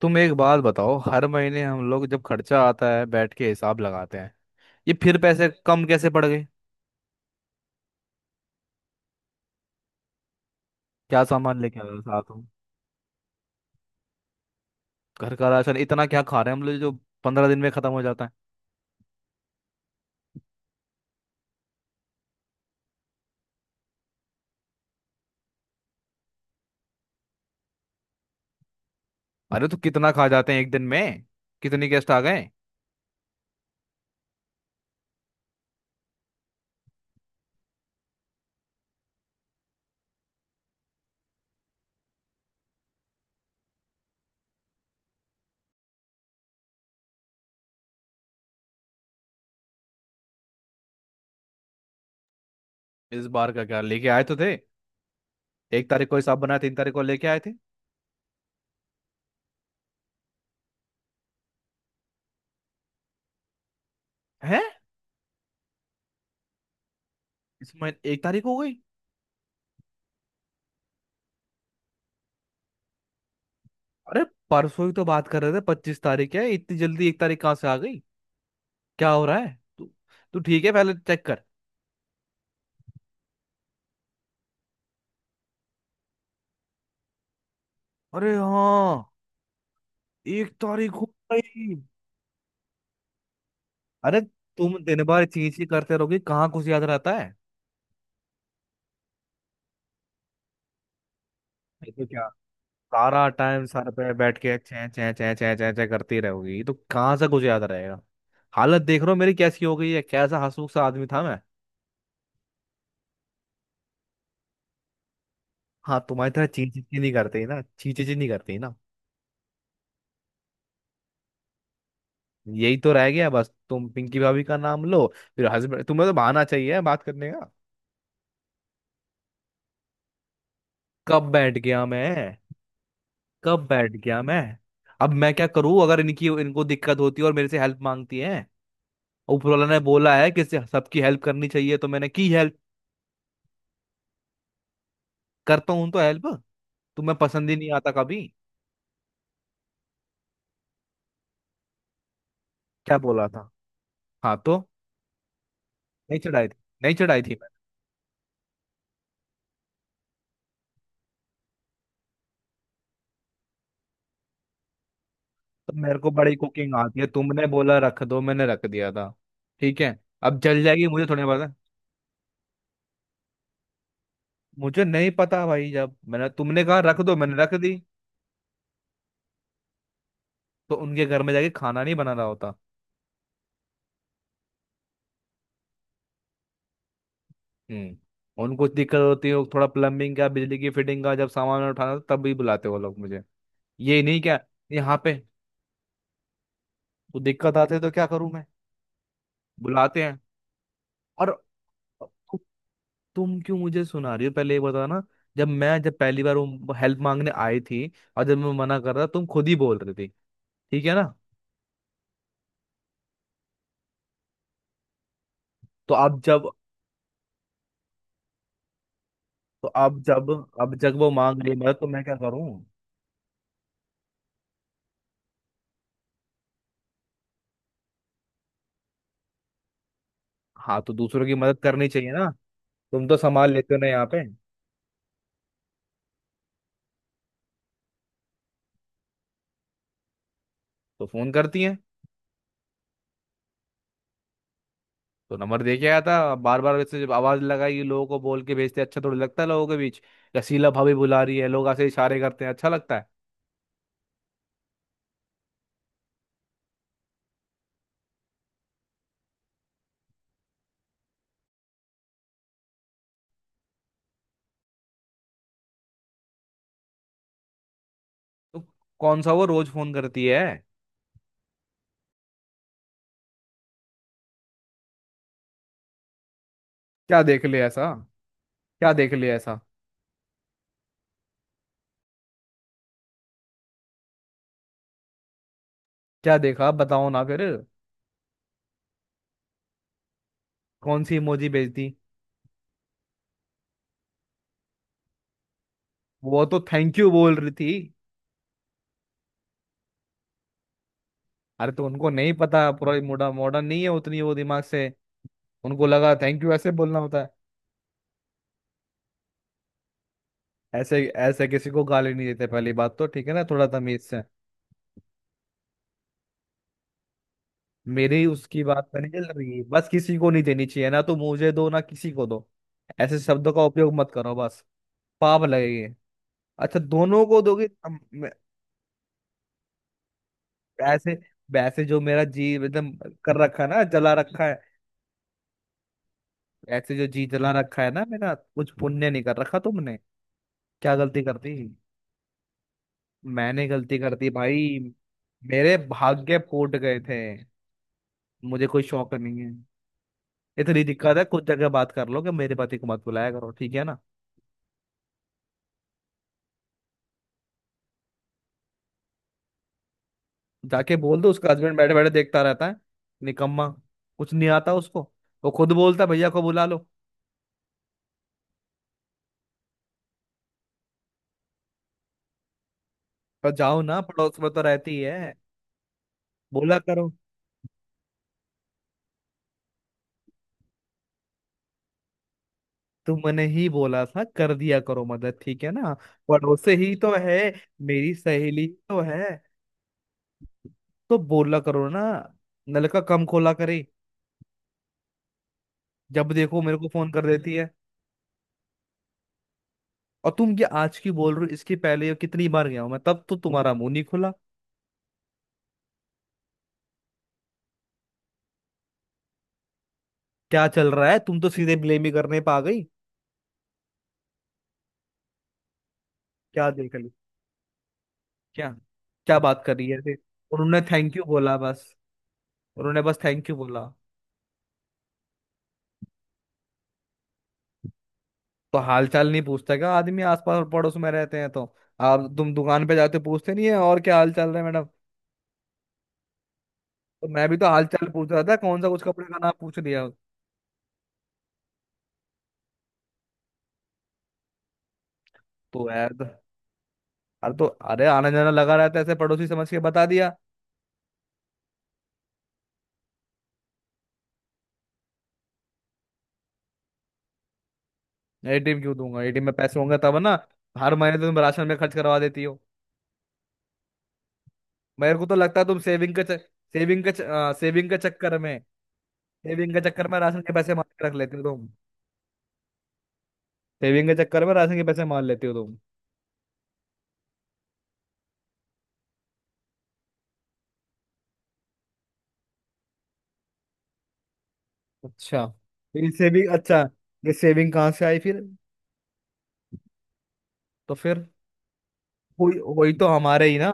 तुम एक बात बताओ। हर महीने हम लोग जब खर्चा आता है बैठ के हिसाब लगाते हैं। ये फिर पैसे कम कैसे पड़ गए? क्या सामान लेके आए हो साथ में? घर का राशन इतना क्या खा रहे हैं हम लोग जो 15 दिन में खत्म हो जाता है? अरे तो कितना खा जाते हैं एक दिन में? कितनी गेस्ट आ गए? इस बार का क्या लेके आए तो थे। 1 तारीख को हिसाब बनाया, 3 तारीख को लेके आए थे। हैं? इस महीने 1 तारीख हो गई। अरे, परसों ही तो बात कर रहे थे, 25 तारीख है, इतनी जल्दी 1 तारीख कहाँ से आ गई? क्या हो रहा है तू? तू ठीक है पहले चेक कर। अरे हाँ, 1 तारीख हो गई। अरे, तुम दिन भर चींची करते रहोगे, कहाँ कुछ याद रहता है। ये तो क्या, सारा टाइम सर पे बैठ के चै चै चै चै चै चै करती रहोगी, ये तो कहाँ से कुछ याद रहेगा। हालत देख रहे हो मेरी कैसी हो गई है, कैसा हंसमुख सा आदमी था मैं। हाँ, तुम्हारी तरह चींची चींची नहीं करते ना, चींची चींची नहीं करते ना। यही तो रह गया बस, तुम पिंकी भाभी का नाम लो फिर हस्बैंड, तुम्हें तो बहाना चाहिए बात करने का। कब बैठ गया मैं? कब बैठ गया मैं? अब मैं क्या करूं, अगर इनकी इनको दिक्कत होती है और मेरे से हेल्प मांगती है। ऊपर वाला ने बोला है कि सबकी हेल्प करनी चाहिए, तो मैंने की हेल्प। करता हूं तो हेल्प, तुम्हें पसंद ही नहीं आता कभी। क्या बोला था? हाँ, तो नहीं चढ़ाई थी। नहीं चढ़ाई थी मैंने। तो मेरे को बड़ी कुकिंग आती है, तुमने बोला रख दो मैंने रख दिया था। ठीक है। अब जल जाएगी मुझे थोड़ी पता। मुझे नहीं पता भाई, जब मैंने तुमने कहा रख दो मैंने रख दी। तो उनके घर में जाके खाना नहीं बना रहा होता। हम्म। उनको दिक्कत होती है, वो थोड़ा प्लम्बिंग का, बिजली की फिटिंग का जब सामान उठाना होता, तब भी बुलाते वो लोग मुझे। ये नहीं क्या? यहाँ पे तो दिक्कत आते तो क्या करूं मैं? बुलाते हैं। और तु, तुम क्यों मुझे सुना रही हो, पहले ये बताओ ना। जब मैं जब पहली बार वो हेल्प मांगने आई थी और जब मैं मना कर रहा, तुम खुद ही बोल रही थी, ठीक है ना। तो अब जब तो अब जब अब जब वो मांग रही है मदद तो मैं क्या करूं? हाँ, तो दूसरों की मदद करनी चाहिए ना। तुम तो संभाल लेते हो ना यहाँ पे। तो फोन करती है। तो नंबर दे के आया था, बार बार वैसे जब आवाज लगाई, लोगों को बोल के भेजते अच्छा थोड़ी लगता है, लोगों के बीच या शीला भाभी बुला रही है लोग ऐसे इशारे करते हैं, अच्छा लगता है? तो कौन सा वो रोज फोन करती है। क्या देख लिया ऐसा? क्या देख लिया ऐसा? क्या देखा, आप बताओ ना फिर। कौन सी इमोजी भेजती। वो तो थैंक यू बोल रही थी। अरे, तो उनको नहीं पता, पूरा मॉडर्न मॉडर्न नहीं है उतनी वो दिमाग से। उनको लगा थैंक यू ऐसे बोलना होता है। ऐसे ऐसे किसी को गाली नहीं देते, पहली बात तो ठीक है ना, थोड़ा तमीज से। मेरी उसकी बात पे नहीं चल रही, बस किसी को नहीं देनी चाहिए ना, तो मुझे दो ना, किसी को दो। ऐसे शब्दों का उपयोग मत करो बस। पाप लगेगी। अच्छा, दोनों को दोगे? ऐसे, वैसे जो मेरा जी एकदम कर रखा है ना, जला रखा है। ऐसे जो जी जला रखा है ना मेरा, कुछ पुण्य नहीं कर रखा तुमने। क्या गलती करती? मैंने गलती करती भाई। मेरे भाग्य फूट गए थे। मुझे कोई शौक नहीं है। इतनी दिक्कत है, कुछ जगह बात कर लो कि मेरे पति को मत बुलाया करो, ठीक है ना। जाके बोल दो, उसका हस्बैंड बैठे बैठे देखता रहता है। निकम्मा, कुछ नहीं आता उसको। वो खुद बोलता है, भैया को बुला लो। पर जाओ ना, पड़ोस में तो रहती है। बोला करो। तुमने ही बोला था कर दिया करो मदद, ठीक है ना। पड़ोस से ही तो है, मेरी सहेली तो है। तो बोला करो ना, नलका कम खोला करे। जब देखो मेरे को फोन कर देती है। और तुम ये आज की बोल रहे हो, इसके पहले ये कितनी बार गया हूं मैं, तब तो तुम्हारा मुंह नहीं खुला। क्या चल रहा है? तुम तो सीधे ब्लेम ही करने पे आ गई। क्या देख, क्या, क्या बात कर रही है ऐसे? उन्होंने थैंक यू बोला बस। उन्होंने बस थैंक यू बोला। तो हाल चाल नहीं पूछता क्या आदमी, आसपास और पड़ोस में रहते हैं तो। आप तुम दुकान पे जाते हो, पूछते नहीं है और क्या हाल चाल रहा है मैडम? तो मैं भी तो हाल चाल पूछ रहा था, कौन सा कुछ कपड़े का नाम पूछ लिया। तो यार तो- अरे तो अरे, आना जाना लगा रहता है, ऐसे पड़ोसी समझ के बता दिया। एटीएम क्यों दूंगा? एटीएम में पैसे होंगे तब ना। हर महीने तो तुम राशन में खर्च करवा देती हो। मेरे को तो लगता है, तुम सेविंग के चक्कर में सेविंग के चक्कर में राशन के पैसे मार के रख लेते हो तुम। सेविंग के चक्कर में राशन के पैसे मार लेते हो तुम। अच्छा, तो ये सेविंग, अच्छा, ये सेविंग कहाँ से आई फिर? तो फिर हुई हुई तो हमारे ही ना।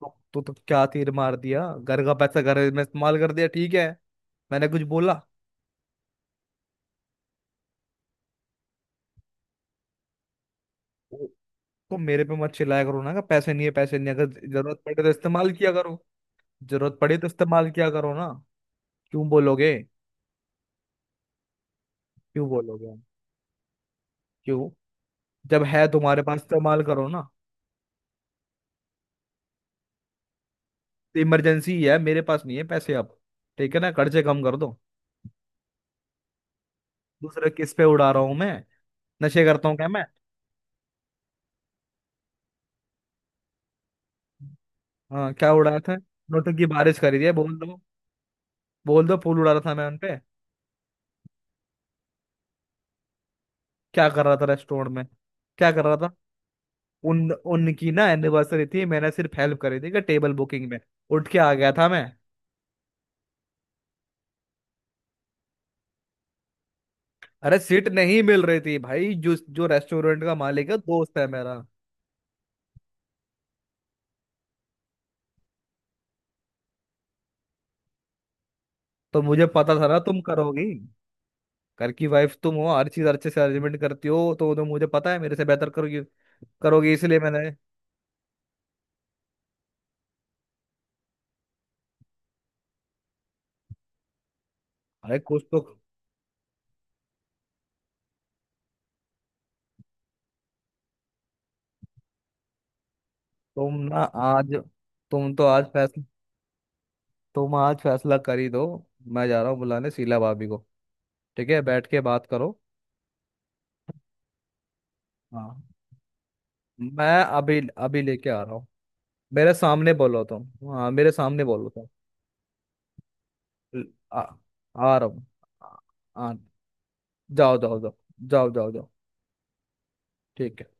तो क्या तीर मार दिया, घर का पैसा घर में इस्तेमाल कर दिया, ठीक है। मैंने कुछ बोला? ओ, तो मेरे पे मत चिल्लाया करो ना कि पैसे नहीं है पैसे नहीं है। अगर जरूरत पड़े तो इस्तेमाल किया करो। जरूरत पड़े तो इस्तेमाल किया करो ना। क्यों बोलोगे? क्यों बोलोगे? क्यों? जब है तुम्हारे पास इस्तेमाल करो ना। तो इमरजेंसी है, मेरे पास नहीं है पैसे अब, ठीक है ना, खर्चे कम कर दो। दूसरा किस पे उड़ा रहा हूँ मैं? नशे करता हूँ क्या मैं? हाँ, क्या उड़ाया था? नोटों की बारिश करी है बोल दो, बोल दो फूल उड़ा रहा था मैं उनपे। क्या कर रहा था रेस्टोरेंट में? क्या कर रहा था? उन उनकी ना एनिवर्सरी थी, मैंने सिर्फ हेल्प करी थी कि टेबल बुकिंग में। उठ के आ गया था मैं। अरे सीट नहीं मिल रही थी भाई, जो जो रेस्टोरेंट का मालिक है दोस्त है मेरा। तो मुझे पता था ना, तुम करोगी। घर की वाइफ तुम हो, हर चीज अच्छे से अरेंजमेंट करती हो, तो मुझे पता है मेरे से बेहतर करोगी, करोगी इसलिए मैंने। अरे कुछ तो। तुम ना आज तुम तो आज फैसला तुम आज फैसला कर ही दो। मैं जा रहा हूँ बुलाने शीला भाभी को, ठीक है, बैठ के बात करो। हाँ, मैं अभी अभी लेके आ रहा हूँ। मेरे सामने बोलो तुम। हाँ, मेरे सामने बोलो तुम। ल- आ, आ रहा हूँ। आ, आ- जाओ जाओ जाओ। जाओ जाओ जाओ। ठीक है।